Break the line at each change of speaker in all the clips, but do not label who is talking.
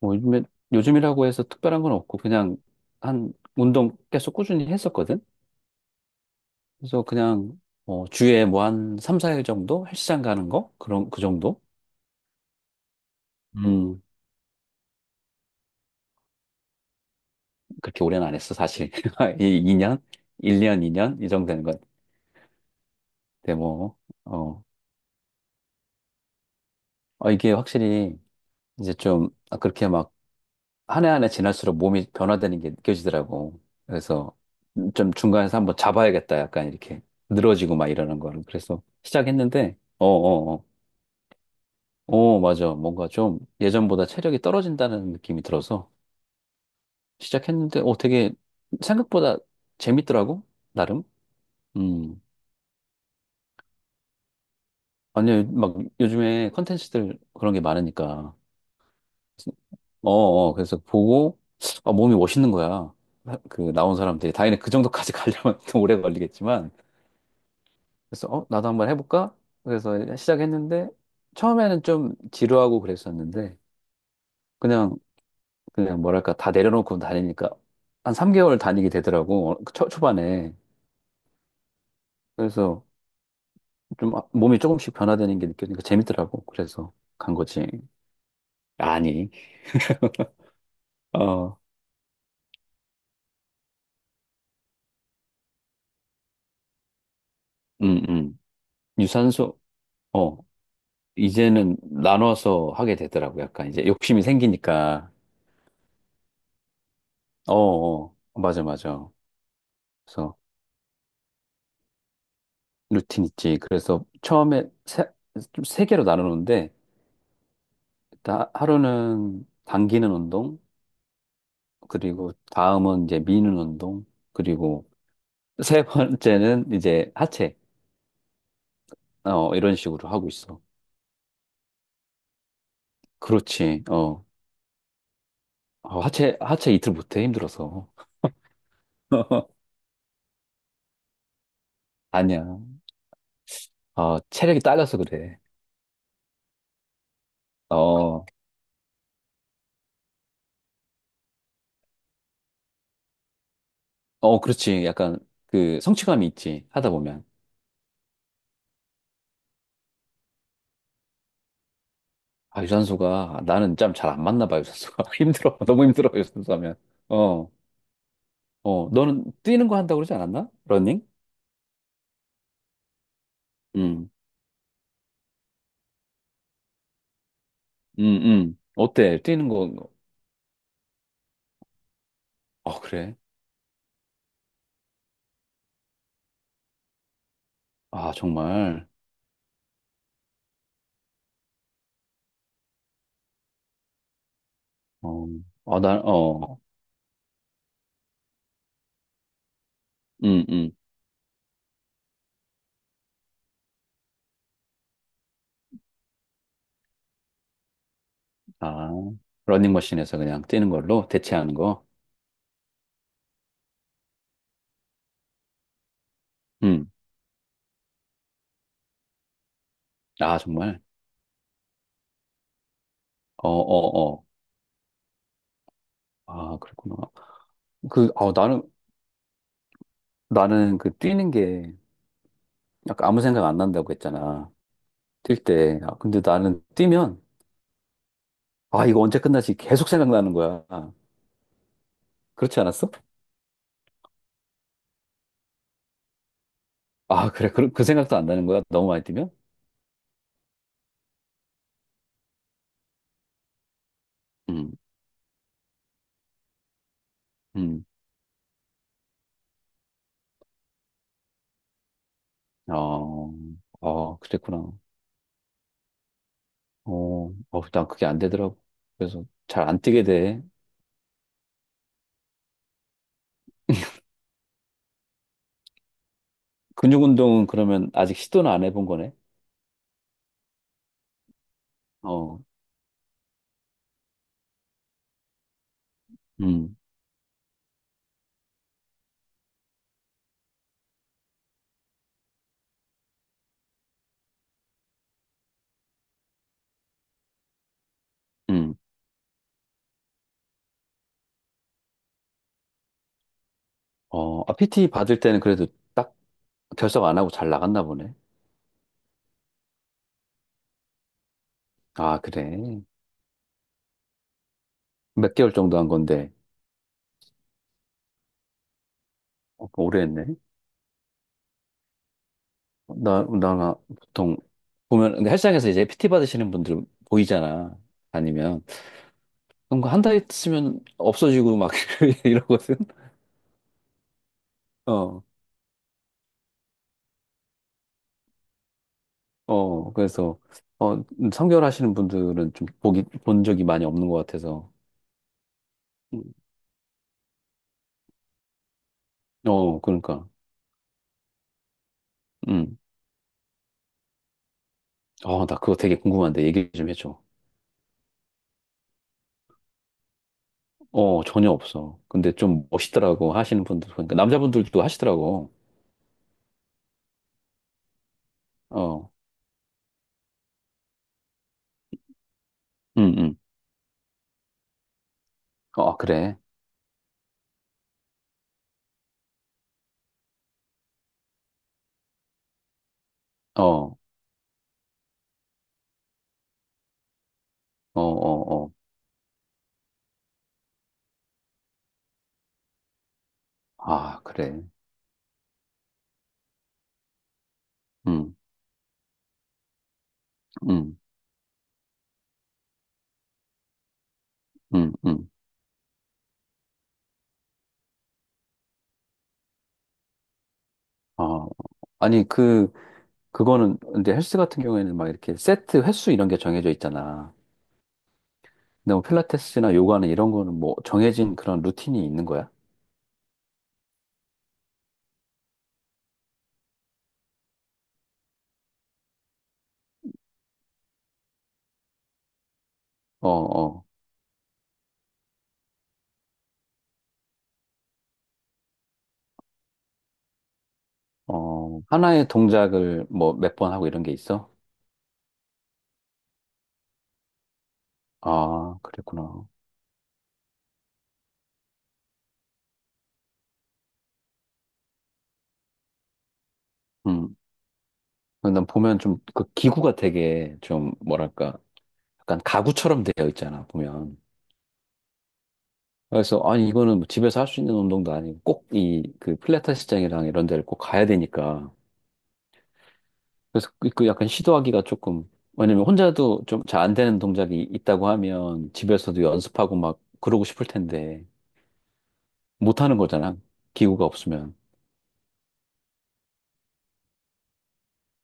뭐 요즘에, 요즘이라고 해서 특별한 건 없고, 그냥 한 운동 계속 꾸준히 했었거든? 그래서 그냥, 주에 뭐 한 3, 4일 정도? 헬스장 가는 거? 그런, 그 정도? 음, 그렇게 오래는 안 했어, 사실. 이 2년? 1년, 2년? 이 년? 이 정도 되는 것 같아, 뭐. 어, 어, 이게 확실히 이제 좀, 아, 그렇게 막, 한 해 한 해 지날수록 몸이 변화되는 게 느껴지더라고. 그래서 좀 중간에서 한번 잡아야겠다, 약간 이렇게. 늘어지고 막 이러는 거를. 그래서 시작했는데, 어어어. 어, 맞아. 뭔가 좀 예전보다 체력이 떨어진다는 느낌이 들어서 시작했는데, 되게 생각보다 재밌더라고, 나름. 음. 아니, 막 요즘에 컨텐츠들 그런 게 많으니까. 어, 어, 그래서 보고, 아, 몸이 멋있는 거야. 그, 나온 사람들이. 당연히 그 정도까지 가려면 좀 오래 걸리겠지만. 그래서, 나도 한번 해볼까? 그래서 시작했는데, 처음에는 좀 지루하고 그랬었는데, 그냥 그냥 뭐랄까 다 내려놓고 다니니까 한 3개월 다니게 되더라고. 그 초반에. 그래서 좀 몸이 조금씩 변화되는 게 느껴지니까 재밌더라고. 그래서 간 거지. 아니. 어. 음. 음. 유산소. 어 이제는 나눠서 하게 되더라고. 약간 이제 욕심이 생기니까. 어, 어, 맞아, 맞아. 그래서 루틴 있지. 그래서 처음에 세, 좀세 개로 나누는데 일단 하루는 당기는 운동, 그리고 다음은 이제 미는 운동, 그리고 세 번째는 이제 하체, 이런 식으로 하고 있어. 그렇지, 어. 어, 하체, 하체 이틀 못해, 힘들어서. 아니야. 어, 체력이 딸려서 그래. 어, 어, 그렇지. 약간 그 성취감이 있지, 하다 보면. 아, 유산소가, 나는 짬 잘 안 맞나 봐, 유산소가. 힘들어. 너무 힘들어, 유산소 하면. 어, 어, 너는 뛰는 거 한다고 그러지 않았나? 러닝? 응, 응, 응. 어때? 뛰는 거, 어, 그래. 아, 정말. 어, 아, 난, 어, 음, 음. 아, 러닝머신에서 그냥 뛰는 걸로 대체하는 거. 음, 아, 정말. 어, 어, 어. 아, 그렇구나. 그, 어, 나는, 나는 그 뛰는 게 약간 아무 생각 안 난다고 했잖아. 뛸 때. 아, 근데 나는 뛰면, 아, 이거 언제 끝나지? 계속 생각나는 거야. 그렇지 않았어? 아, 그래. 그 생각도 안 나는 거야. 너무 많이 뛰면? 음, 음. 어, 어, 그랬구나. 어, 어, 난 그게 안 되더라고. 그래서 잘 안 뛰게 돼. 근육 운동은 그러면 아직 시도는 안 해본 거네. 어, 음, 음. 어, 아, PT 받을 때는 그래도 딱 결석 안 하고 잘 나갔나 보네. 아, 그래. 몇 개월 정도 한 건데, 어, 오래 했네. 나 보통 보면, 근데 헬스장에서 이제 PT 받으시는 분들 보이잖아. 아니면, 그럼 한 달 있으면 없어지고 막 이러거든. 어, 어, 그래서, 3개월 하시는 분들은 좀 본 적이 많이 없는 것 같아서. 음, 어, 그러니까. 음. 어, 나 그거 되게 궁금한데 얘기 좀 해줘. 어, 전혀 없어. 근데 좀 멋있더라고, 하시는 분들. 그러니까 남자분들도 하시더라고. 어, 응, 응. 어, 그래. 어, 어, 어, 어. 아, 그래. 응, 응, 응, 응. 아, 아니, 근데 헬스 같은 경우에는 막 이렇게 세트 횟수 이런 게 정해져 있잖아. 근데 뭐 필라테스나 요가는 이런 거는 뭐 정해진 그런 루틴이 있는 거야? 어, 어, 어, 하나의 동작을 뭐 몇 번 하고 이런 게 있어? 아, 그랬구나. 음. 난 보면 좀 그 기구가 되게 좀 뭐랄까 약간 가구처럼 되어 있잖아, 보면. 그래서 아니 이거는 뭐 집에서 할 수 있는 운동도 아니고 꼭 이 그 필라테스장이랑 이런 데를 꼭 가야 되니까. 그래서 그그 약간 시도하기가 조금, 왜냐면 혼자도 좀 잘 안 되는 동작이 있다고 하면 집에서도 연습하고 막 그러고 싶을 텐데 못하는 거잖아. 기구가 없으면.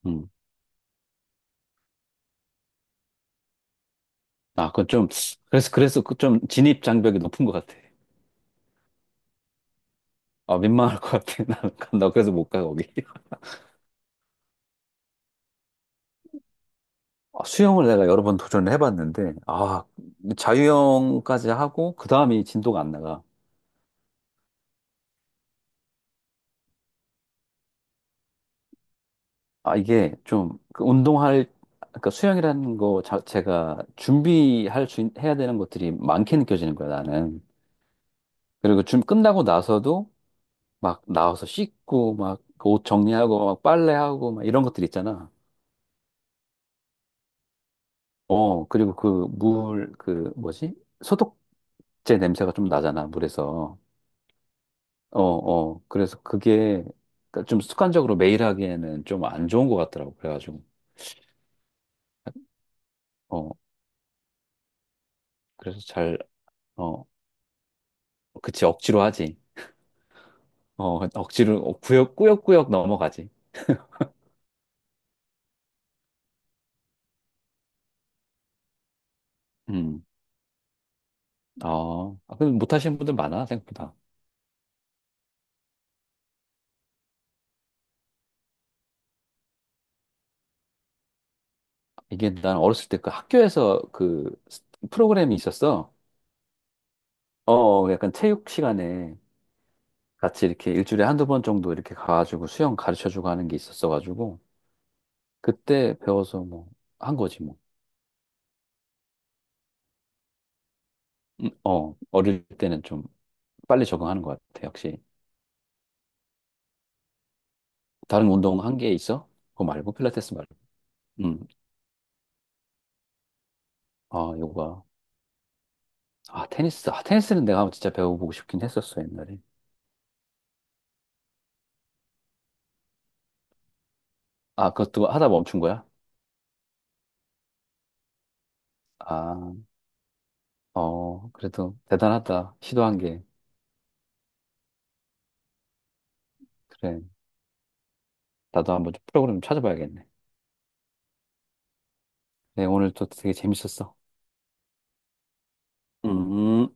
음. 아, 그건 좀, 그래서 그 좀 진입 장벽이 높은 것 같아. 아, 민망할 것 같아. 나는 간다. 그래서 못 가, 거기. 아, 수영을 내가 여러 번 도전을 해봤는데, 아, 자유형까지 하고, 그 다음이 진도가 안 나가. 아, 이게 그러니까 수영이라는 거 자체가 해야 되는 것들이 많게 느껴지는 거야, 나는. 그리고 좀 끝나고 나서도 막 나와서 씻고, 막 옷 정리하고, 막 빨래하고, 막 이런 것들 있잖아. 어, 그리고 그 물, 그 뭐지? 소독제 냄새가 좀 나잖아, 물에서. 어, 어. 그래서 그게 그러니까 좀 습관적으로 매일 하기에는 좀 안 좋은 것 같더라고. 그래가지고. 어, 그래서 잘, 어, 그치, 억지로 하지. 어, 그러니까 억지로, 꾸역꾸역 넘어가지. 음. 어, 아, 근데 못하시는 분들 많아, 생각보다. 이게 난 어렸을 때 그 학교에서 그 프로그램이 있었어. 어, 어, 약간 체육 시간에 같이 이렇게 일주일에 한두 번 정도 이렇게 가가지고 수영 가르쳐 주고 하는 게 있었어가지고 그때 배워서 뭐 한 거지 뭐. 어, 어릴 때는 좀 빨리 적응하는 것 같아. 역시. 다른 운동 한 게 있어? 그거 말고 필라테스 말고. 음. 아, 요가. 아, 테니스. 아, 테니스는 내가 한번 진짜 배워보고 싶긴 했었어, 옛날에. 아, 그것도 하다 멈춘 거야? 아, 어, 그래도 대단하다. 시도한 게. 그래. 나도 한번 좀 프로그램 찾아봐야겠네. 네, 오늘 또 되게 재밌었어. 음.